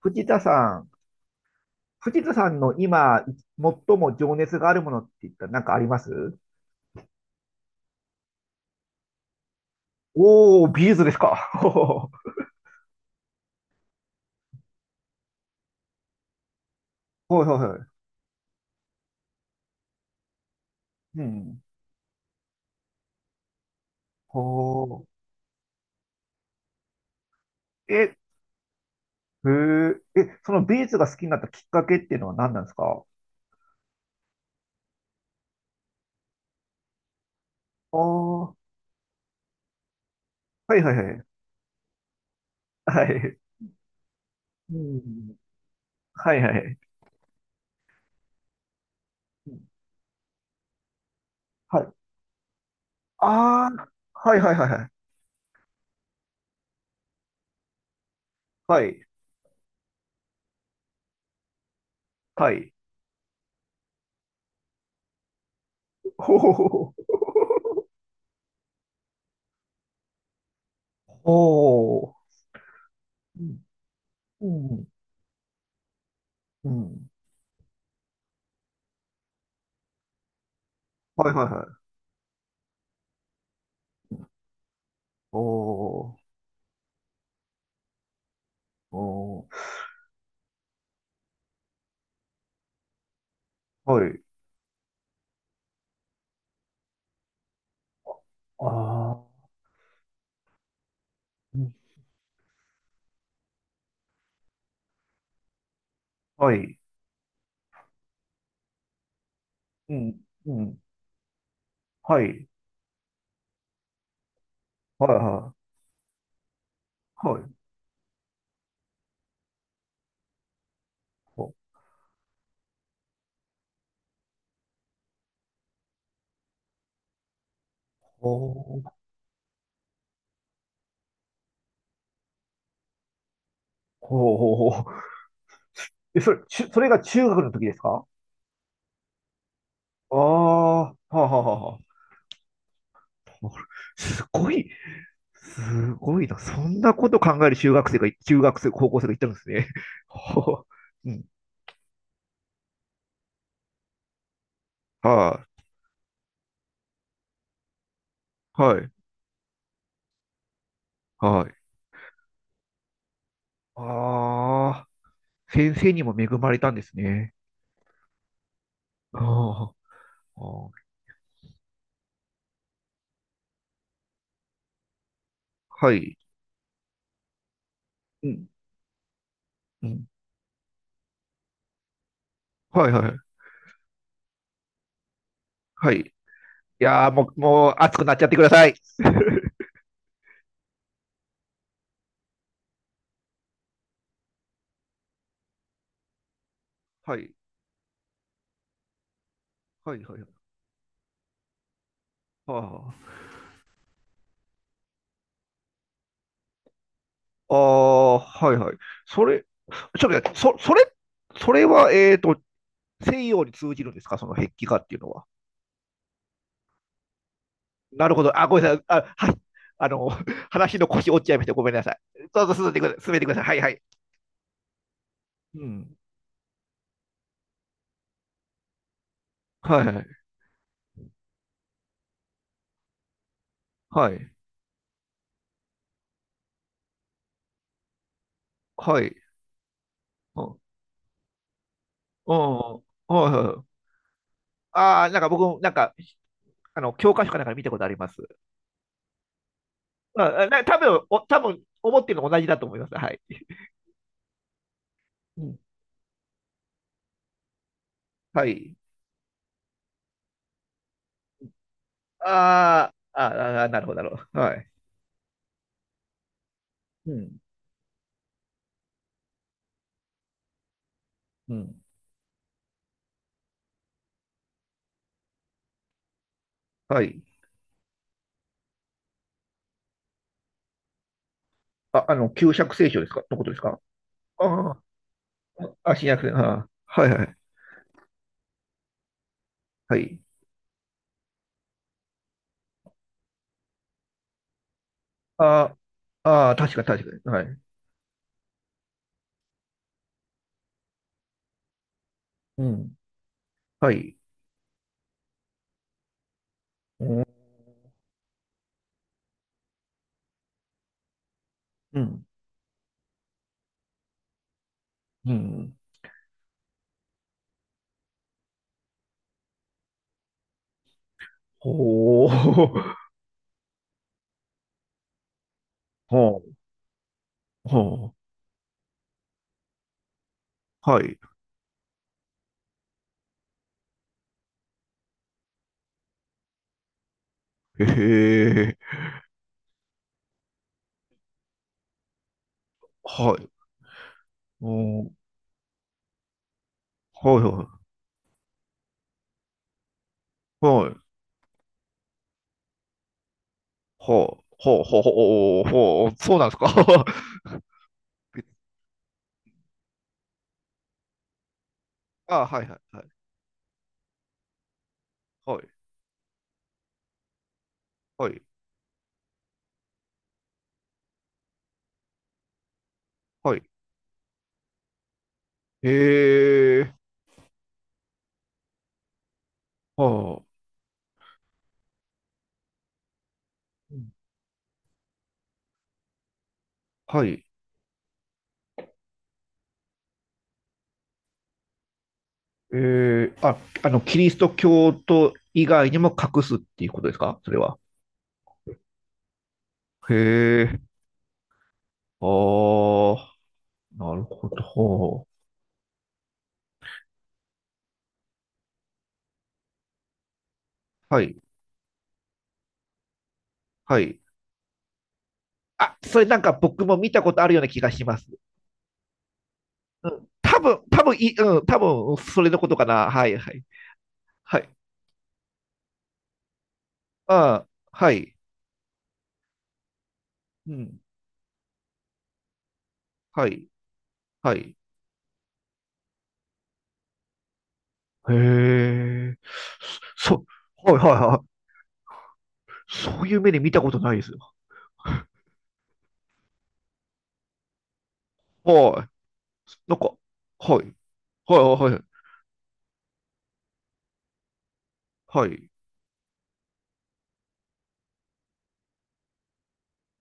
藤田さん。藤田さんの今、最も情熱があるものって言ったら何かあります？おー、ビーズですか。ほうほうほう。うん。ほう。え、へえ、え、そのビーズが好きになったきっかけっていうのは何なんですか？ああ、はいはいはい。はい。うん。はいはい。うん。はい。ああ、はいはいはいはい。はい。はい。ほうほうほう。ほう。うん。うん。うん。はいはいはい。おお。おはい。ああ、はい。うん、うん。はい。はい、はい。はい。ほ、ほ、ほ、ほ、ほ。え、それ、それが中学の時ですか？ああ、はあ、はあ、はあ。すごい、すごいな。そんなこと考える中学生が、中学生、高校生がいたんですね。ほう、うん。はい、はい、はい。ああ、先生にも恵まれたんですね。ああ、ああ、はい。うん、うん。はい、はい、はい。いやーもう、もう熱くなっちゃってください。はい、はい、はい。はあ、ああ、はい、はい。それ、ちょっと待って、それ、それは、西洋に通じるんですか、その壁画っていうのは？なるほど。あ、ごめんなさい。あ、はい。あの、話の腰折っちゃいました。ごめんなさい。どうぞ進んでください。進めてください。はい、はい。うん。はい、はい。はい。はい。うん。うん。はい、はい。ああ、なんか僕も、なんか、教科書かなんかで見たことあります。まあ、な多分お多分思ってるの同じだと思います。はい。うん。はい。あーあー、あーなるほど、なるほど。はい。うん。うん。はい。あ、旧釈聖書ですかのことですか？ああ、あ、新約聖書。ああ、はいはい。はい。ああ、あー確か確かに。はい。うん。はい。うん。うん。うん。ほー。ほう。ほう。はい。へえ。はい。うん。はいはい。はい。ほう、ほう、ほう、ほう、ほう、ほうそうなんですか。あ、はいはいはい。はい、はい、はい。えはあ、うんはい。あ、キリスト教徒以外にも隠すっていうことですかそれは？へえ、ああ、なるほど。はい、はい。あ、それなんか僕も見たことあるような気がします。うん、多分、多分い、うん、多分、それのことかな。はい、はい。はい。ああ、はい。うん、はい、はい。へえ。そ、はいはいはい。そういう目で見たことないですよ。はい。なんか、はい。はいはいはい。はい。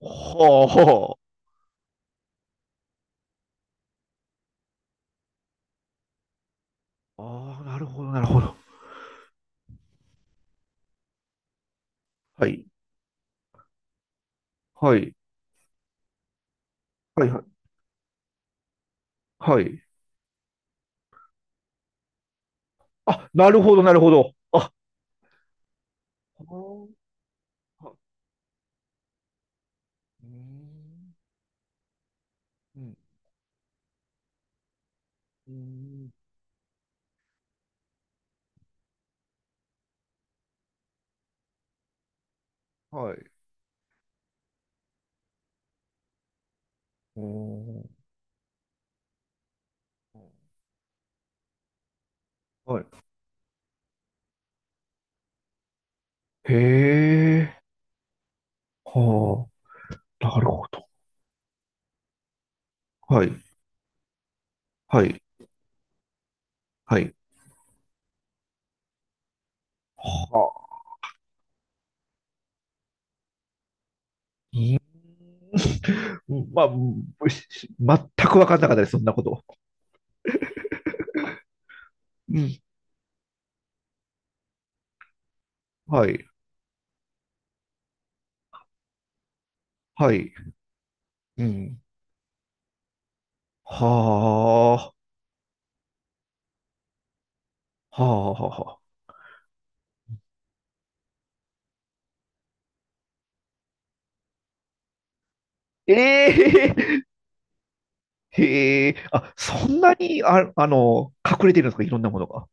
はあ、はあ。ああ、なるほどなるほど。はい。はい。はいはい。はい。あ、なるほどなるほど。あ、はあはうーん。うん。うーん。はい。うーん。はい。へえ。はあ。なるほど。はい。はい。はい。はあ。うーん。まあ、全く分かんなかったです、そんなこと。うん。はい、はい。うん。はあ、はあ、はあ。ええ、へえ、あ、そんなに、あ、隠れてるんですか、いろんなものが？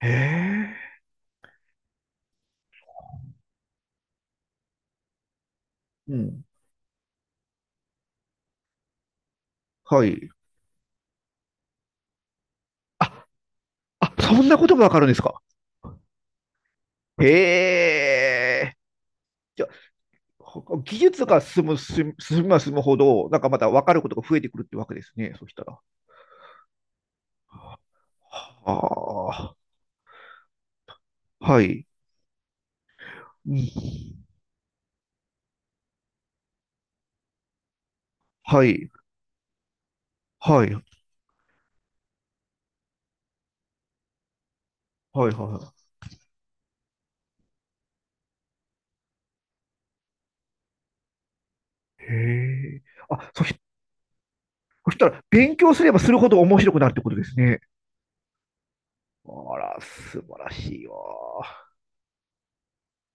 へえ、うん、はい。あ、あ、そんなことがわかるんですか？へえ、じゃあ、技術が進めば進むほど、なんかまたわかることが増えてくるってわけですね、そしたら。はあ、はい。うん。はい。はい、はい、はいはい。へえ。あ、そしたら、勉強すればするほど面白くなるってことですね。あら、素晴らしいわ。